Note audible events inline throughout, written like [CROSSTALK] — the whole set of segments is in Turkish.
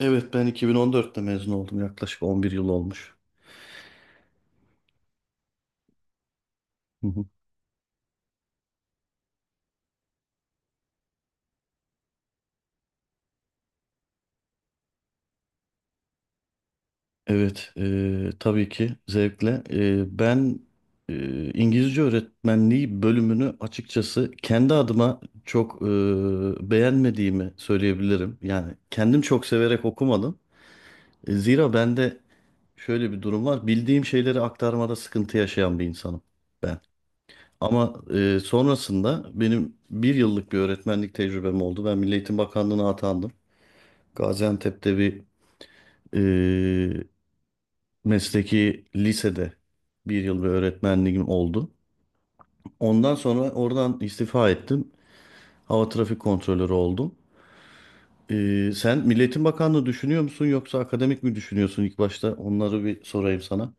Evet ben 2014'te mezun oldum. Yaklaşık 11 yıl olmuş. Hı hı. Evet, tabii ki zevkle. Ben İngilizce öğretmenliği bölümünü açıkçası kendi adıma çok beğenmediğimi söyleyebilirim. Yani kendim çok severek okumadım. Zira bende şöyle bir durum var. Bildiğim şeyleri aktarmada sıkıntı yaşayan bir insanım ben. Ama sonrasında benim bir yıllık bir öğretmenlik tecrübem oldu. Ben Milli Eğitim Bakanlığı'na atandım. Gaziantep'te bir e, mesleki lisede bir yıl bir öğretmenliğim oldu. Ondan sonra oradan istifa ettim. Hava trafik kontrolörü oldum. Sen Milli Eğitim Bakanlığı düşünüyor musun yoksa akademik mi düşünüyorsun ilk başta? Onları bir sorayım sana.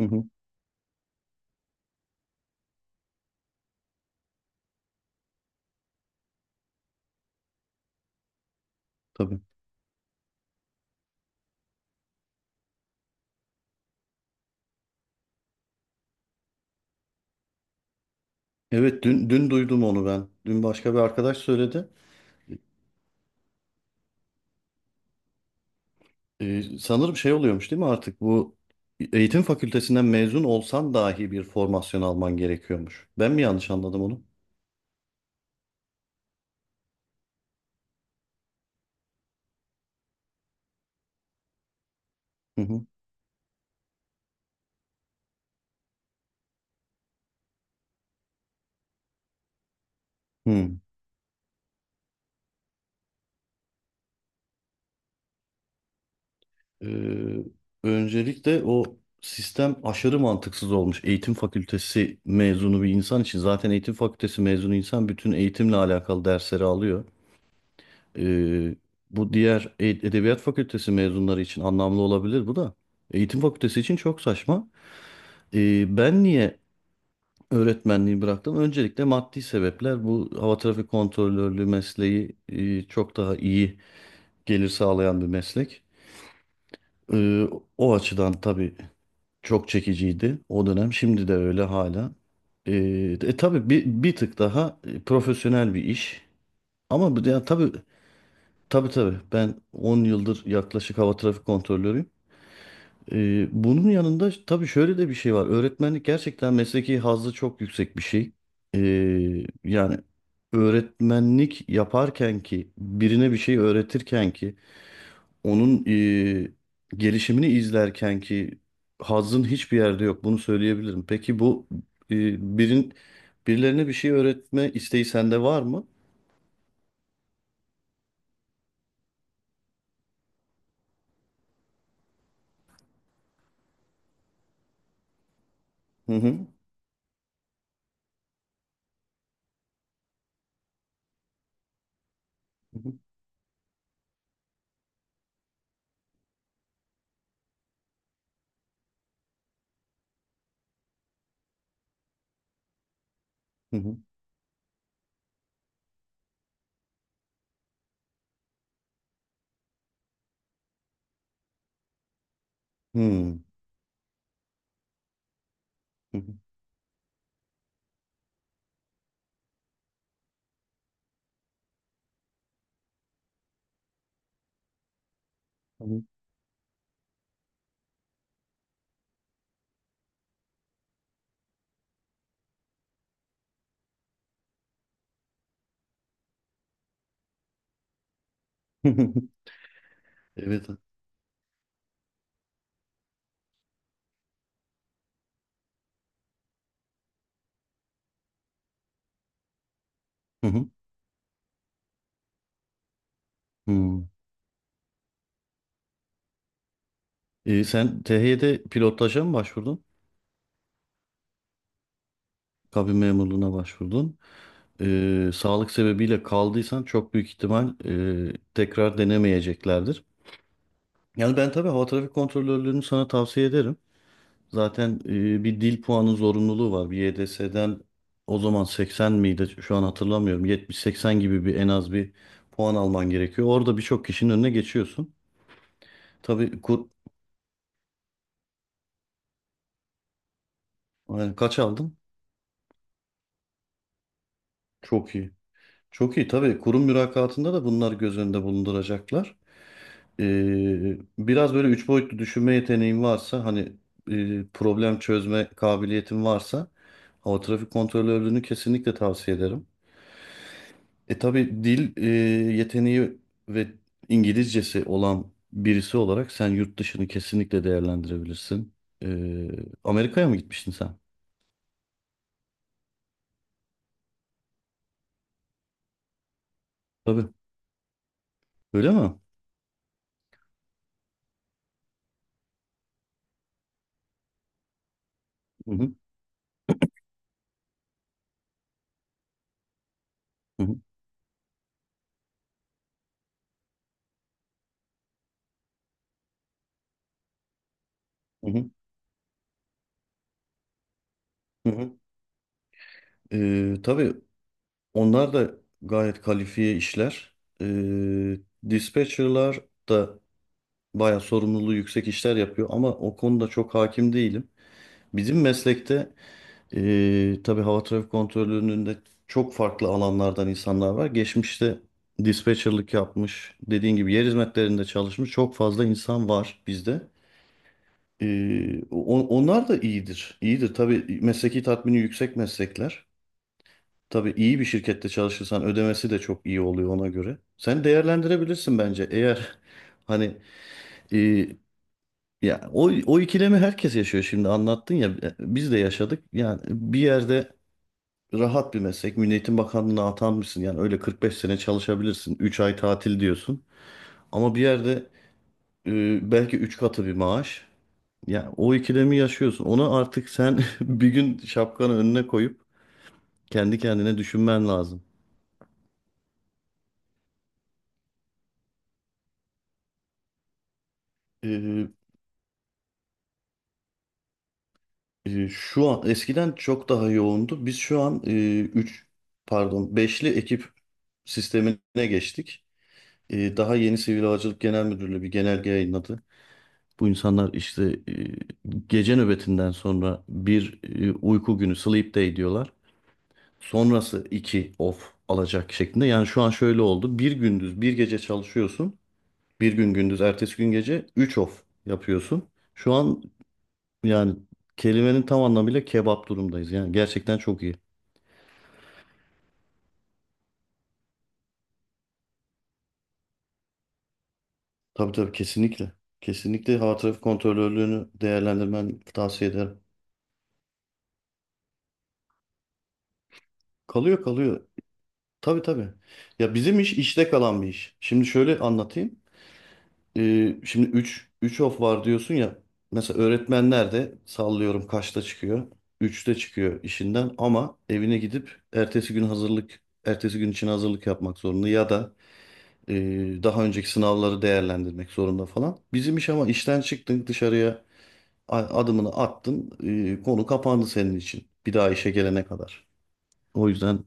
Hı hı, tabii. Evet, dün duydum onu ben. Dün başka bir arkadaş söyledi. Sanırım şey oluyormuş değil mi artık bu eğitim fakültesinden mezun olsan dahi bir formasyon alman gerekiyormuş. Ben mi yanlış anladım onu? Hı hı. Hı. Ee, Öncelikle o sistem aşırı mantıksız olmuş. Eğitim fakültesi mezunu bir insan için zaten eğitim fakültesi mezunu insan bütün eğitimle alakalı dersleri alıyor. Ee, Bu diğer edebiyat fakültesi mezunları için anlamlı olabilir bu da. Eğitim fakültesi için çok saçma. Ben niye öğretmenliği bıraktım? Öncelikle maddi sebepler. Bu hava trafik kontrolörlüğü mesleği çok daha iyi gelir sağlayan bir meslek. Ee, O açıdan tabii çok çekiciydi o dönem. Şimdi de öyle hala. Ee, tabii bir tık daha profesyonel bir iş. Ama ya, tabii tabii ben 10 yıldır yaklaşık hava trafik kontrolörüyüm. Bunun yanında tabii şöyle de bir şey var. Öğretmenlik gerçekten mesleki hazzı çok yüksek bir şey. Yani öğretmenlik yaparken ki birine bir şey öğretirken ki onun gelişimini izlerken ki hazzın hiçbir yerde yok. Bunu söyleyebilirim. Peki bu birin birilerine bir şey öğretme isteği sende var mı? Hı hı. Hı hı. Hı hı. Hı hı. Hı hı. [LAUGHS] Evet. Hı hı. Hı. Sen THY'de pilotaja mı başvurdun? Kabin memurluğuna başvurdun. Sağlık sebebiyle kaldıysan çok büyük ihtimal tekrar denemeyeceklerdir. Yani ben tabii hava trafik kontrolörlüğünü sana tavsiye ederim. Zaten bir dil puanı zorunluluğu var. Bir YDS'den o zaman 80 miydi? Şu an hatırlamıyorum. 70-80 gibi bir en az bir puan alman gerekiyor. Orada birçok kişinin önüne geçiyorsun. Tabii kur Yani kaç aldın? Çok iyi. Çok iyi. Tabii kurum mülakatında da bunlar göz önünde bulunduracaklar. Biraz böyle üç boyutlu düşünme yeteneğin varsa hani problem çözme kabiliyetin varsa hava trafik kontrolörlüğünü kesinlikle tavsiye ederim. E tabii yeteneği ve İngilizcesi olan birisi olarak sen yurt dışını kesinlikle değerlendirebilirsin. E, Amerika'ya mı gitmiştin sen? Tabii. Öyle mi? Hı hı, hı hı, hı hı, hı hı. Tabii onlar da gayet kalifiye işler. E, Dispatcherlar da bayağı sorumluluğu yüksek işler yapıyor ama o konuda çok hakim değilim. Bizim meslekte tabii hava trafik kontrolünün de çok farklı alanlardan insanlar var. Geçmişte dispatcherlık yapmış, dediğin gibi yer hizmetlerinde çalışmış çok fazla insan var bizde. Onlar da iyidir. İyidir tabii mesleki tatmini yüksek meslekler. Tabii iyi bir şirkette çalışırsan ödemesi de çok iyi oluyor ona göre. Sen değerlendirebilirsin bence eğer [LAUGHS] hani eee ya o ikilemi herkes yaşıyor şimdi anlattın ya biz de yaşadık. Yani bir yerde rahat bir meslek. Milli Eğitim Bakanlığı'na atanmışsın. Yani öyle 45 sene çalışabilirsin. Üç ay tatil diyorsun. Ama bir yerde belki 3 katı bir maaş. Yani o ikilemi yaşıyorsun. Onu artık sen [LAUGHS] bir gün şapkanı önüne koyup kendi kendine düşünmen lazım. E, Şu an eskiden çok daha yoğundu. Biz şu an e, 3 pardon beşli ekip sistemine geçtik. Daha yeni Sivil Havacılık Genel Müdürlüğü bir genelge yayınladı. Bu insanlar işte gece nöbetinden sonra bir uyku günü sleep day diyorlar. Sonrası iki off alacak şeklinde. Yani şu an şöyle oldu. Bir gündüz bir gece çalışıyorsun. Bir gün gündüz ertesi gün gece üç off yapıyorsun. Şu an yani kelimenin tam anlamıyla kebap durumdayız. Yani gerçekten çok iyi. Tabii tabii kesinlikle. Kesinlikle hava trafik kontrolörlüğünü değerlendirmen tavsiye ederim. Kalıyor kalıyor. Tabii tabii. Ya bizim iş işte kalan bir iş. Şimdi şöyle anlatayım. Şimdi üç of var diyorsun ya. Mesela öğretmenler de sallıyorum kaçta çıkıyor? Üçte çıkıyor işinden ama evine gidip ertesi gün hazırlık ertesi gün için hazırlık yapmak zorunda ya da e, daha önceki sınavları değerlendirmek zorunda falan. Bizim iş ama işten çıktın dışarıya adımını attın, konu kapandı senin için bir daha işe gelene kadar. O yüzden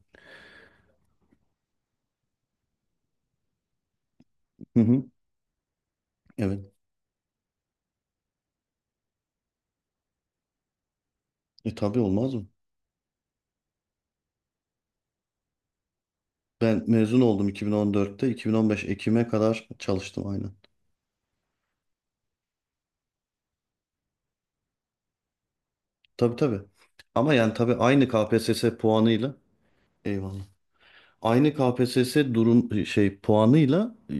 hı hı, evet, tabii olmaz mı? Ben mezun oldum 2014'te, 2015 Ekim'e kadar çalıştım aynı. Tabii tabii. Ama yani tabii aynı KPSS puanıyla eyvallah. Aynı KPSS durum şey puanıyla e,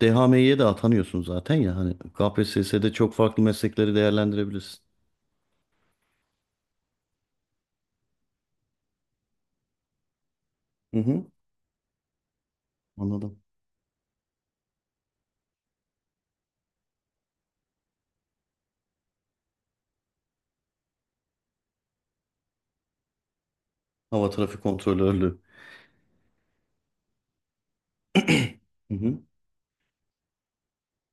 DHMİ'ye de atanıyorsun zaten ya hani KPSS'de çok farklı meslekleri değerlendirebilirsin. Hı hı, anladım. Hava trafik kontrolörlüğü. Hı hı.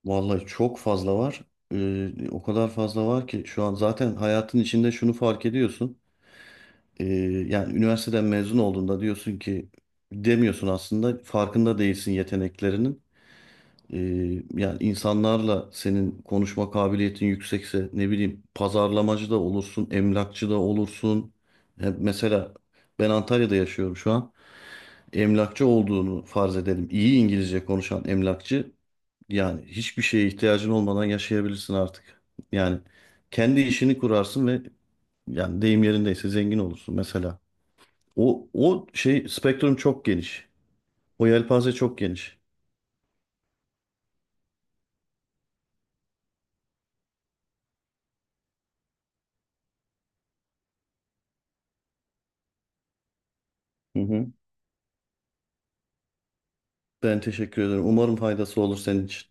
Vallahi çok fazla var. O kadar fazla var ki şu an zaten hayatın içinde şunu fark ediyorsun. Ee, Yani üniversiteden mezun olduğunda diyorsun ki demiyorsun aslında farkında değilsin yeteneklerinin. Ee, Yani insanlarla senin konuşma kabiliyetin yüksekse ne bileyim pazarlamacı da olursun, emlakçı da olursun. Hem mesela ben Antalya'da yaşıyorum şu an. Emlakçı olduğunu farz edelim. İyi İngilizce konuşan emlakçı yani hiçbir şeye ihtiyacın olmadan yaşayabilirsin artık. Yani kendi işini kurarsın ve yani deyim yerindeyse zengin olursun mesela. O şey spektrum çok geniş. O yelpaze çok geniş. Hı hı. Ben teşekkür ederim. Umarım faydası olur senin için.